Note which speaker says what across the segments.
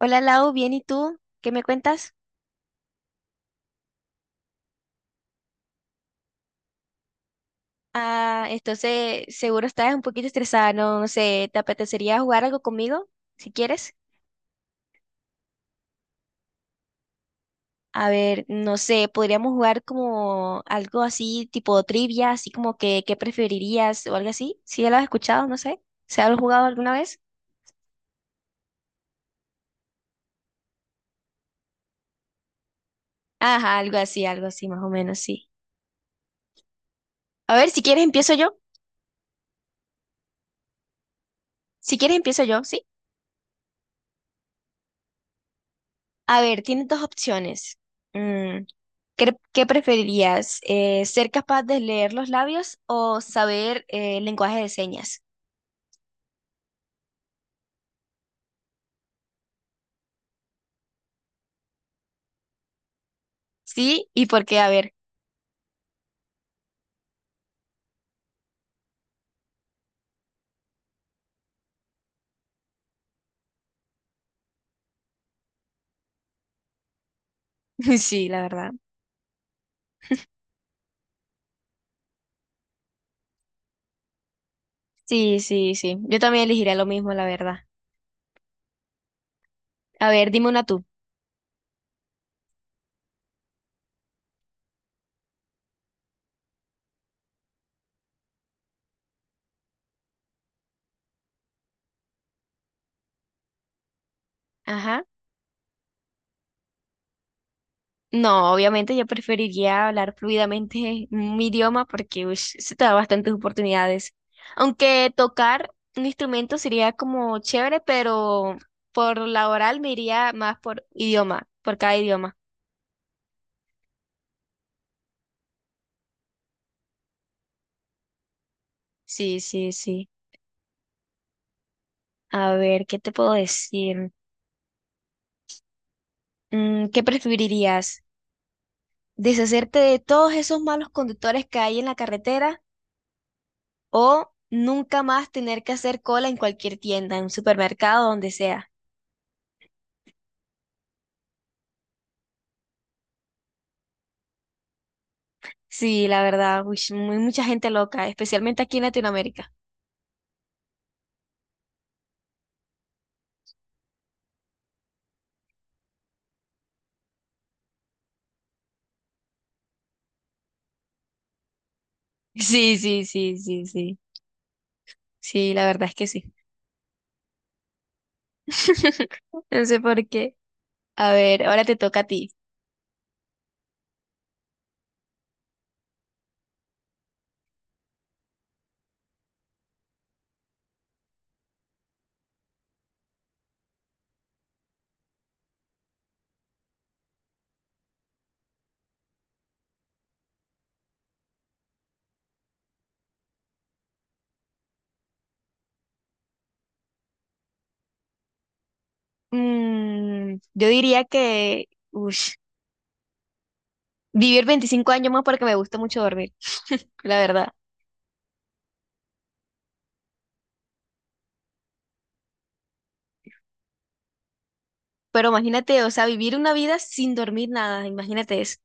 Speaker 1: Hola Lau, bien, ¿y tú? ¿Qué me cuentas? Ah, entonces seguro estás un poquito estresada, no, no sé, ¿te apetecería jugar algo conmigo? Si quieres. A ver, no sé, podríamos jugar como algo así, tipo trivia, así como que qué preferirías o algo así. Si ya lo has escuchado, no sé. ¿Se ha jugado alguna vez? Ajá, algo así, más o menos, sí. A ver, si quieres empiezo yo. Si quieres empiezo yo, ¿sí? A ver, tienes dos opciones. Mm, ¿qué preferirías? ¿Ser capaz de leer los labios o saber lenguaje de señas? Sí, ¿y por qué? A ver, sí, la verdad. Sí, sí, sí. Yo también elegiría lo mismo, la verdad. A ver, dime una tú. Ajá. No, obviamente yo preferiría hablar fluidamente mi idioma porque ush, se te da bastantes oportunidades. Aunque tocar un instrumento sería como chévere, pero por la oral me iría más por idioma, por cada idioma. Sí, sí, sí. A ver, ¿qué te puedo decir? ¿Qué preferirías? ¿Deshacerte de todos esos malos conductores que hay en la carretera o nunca más tener que hacer cola en cualquier tienda, en un supermercado, donde sea? Sí, la verdad, uy, sí, muy, mucha gente loca, especialmente aquí en Latinoamérica. Sí, sí, sí, sí, sí. Sí, la verdad es que sí. No sé por qué. A ver, ahora te toca a ti. Yo diría que, uy, vivir 25 años más porque me gusta mucho dormir, la verdad. Pero imagínate, o sea, vivir una vida sin dormir nada, imagínate eso.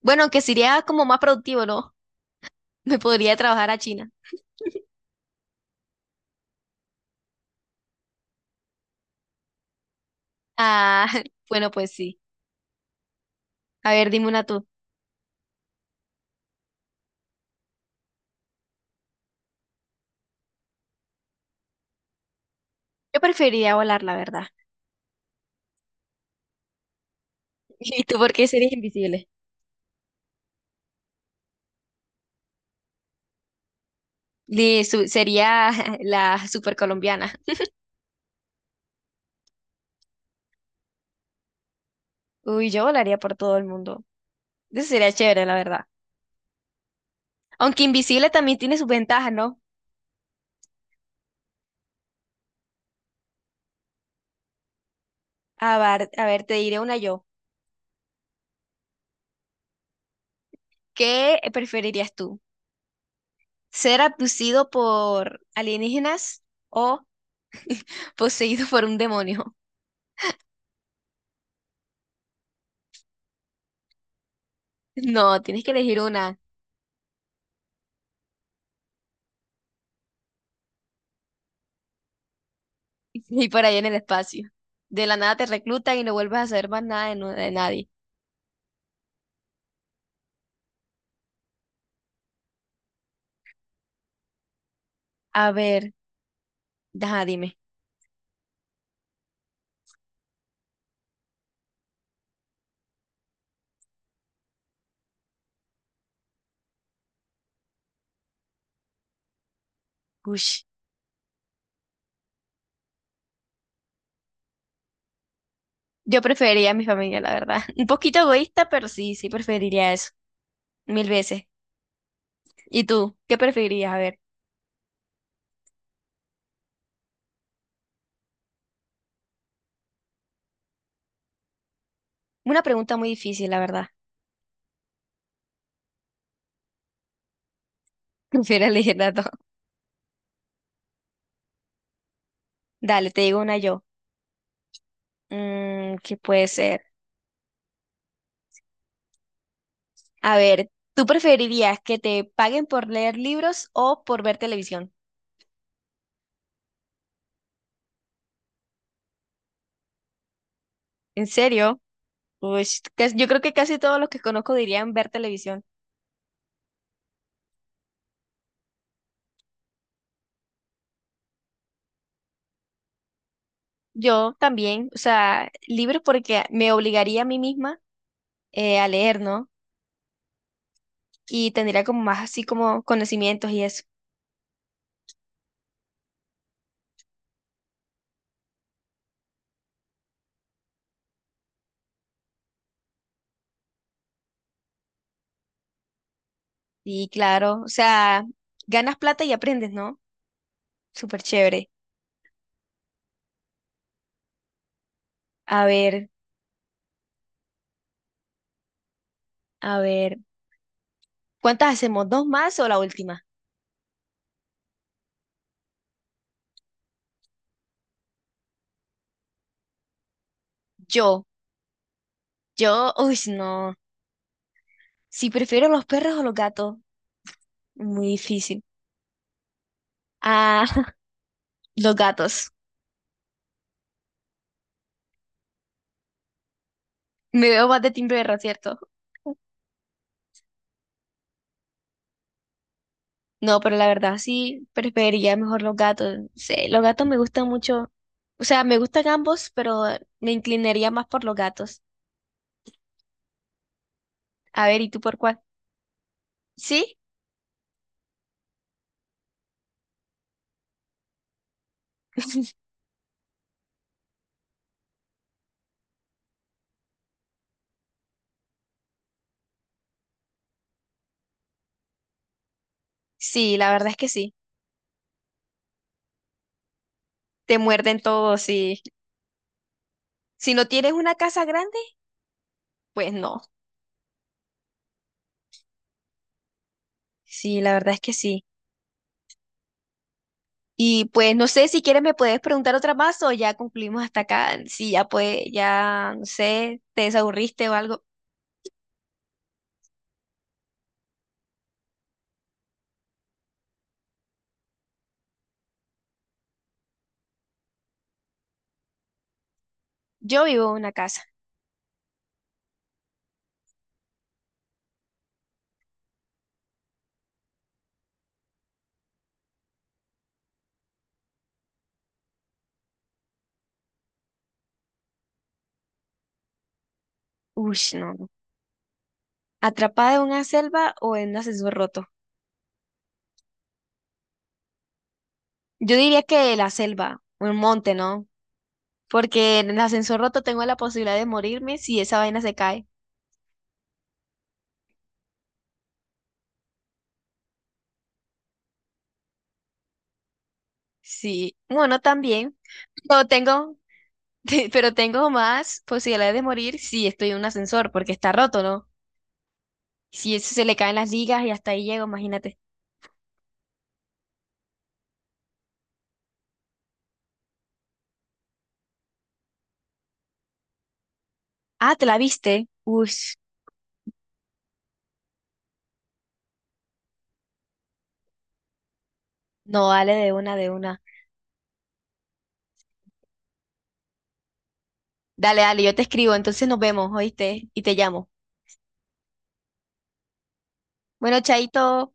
Speaker 1: Bueno, que sería como más productivo, ¿no? Me podría trabajar a China. Ah, bueno, pues sí. A ver, dime una tú. Yo preferiría volar, la verdad. ¿Y tú por qué serías invisible? Sería la super colombiana. Uy, yo volaría por todo el mundo. Eso sería chévere, la verdad. Aunque invisible también tiene sus ventajas, ¿no? A ver, te diré una yo. ¿Qué preferirías tú? ¿Ser abducido por alienígenas o poseído por un demonio? No, tienes que elegir una. Y por ahí en el espacio. De la nada te reclutan y no vuelves a saber más nada de, nu- de nadie. A ver, deja, dime. Uy. Yo preferiría a mi familia, la verdad. Un poquito egoísta, pero sí, sí preferiría eso. Mil veces. ¿Y tú? ¿Qué preferirías? A ver, una pregunta muy difícil, la verdad. Prefiero elegir las dos. Dale, te digo una yo. ¿Qué puede ser? A ver, ¿tú preferirías que te paguen por leer libros o por ver televisión? ¿En serio? Uy, yo creo que casi todos los que conozco dirían ver televisión. Yo también, o sea, libros porque me obligaría a mí misma a leer, ¿no? Y tendría como más así como conocimientos y eso. Y claro, o sea, ganas plata y aprendes, ¿no? Súper chévere. A ver, a ver, ¿cuántas hacemos? ¿Dos más o la última? Yo, uy, no. Si prefiero los perros o los gatos, muy difícil. Ah, los gatos. Me veo más de Tim Berra, ¿cierto? No, pero la verdad sí preferiría mejor los gatos. Sí, los gatos me gustan mucho. O sea, me gustan ambos, pero me inclinaría más por los gatos. A ver, ¿y tú por cuál? Sí, sí, la verdad es que sí. Te muerden todo, sí. Si no tienes una casa grande, pues no. Sí, la verdad es que sí. Y pues no sé si quieres me puedes preguntar otra más o ya concluimos hasta acá. Si ya pues, ya no sé, te desaburriste o algo. Yo vivo en una casa. Uy, no. No. ¿Atrapada en una selva o en un ascensor roto? Yo diría que la selva, un monte, ¿no? Porque en el ascensor roto tengo la posibilidad de morirme si esa vaina se cae. Sí, bueno, también. No tengo. Pero tengo más posibilidades de morir si estoy en un ascensor, porque está roto, ¿no? Si eso se le caen las ligas y hasta ahí llego, imagínate. Ah, ¿te la viste? Uy, no, dale de una, de una. Dale, dale, yo te escribo, entonces nos vemos, ¿oíste? Y te llamo. Bueno, chaito.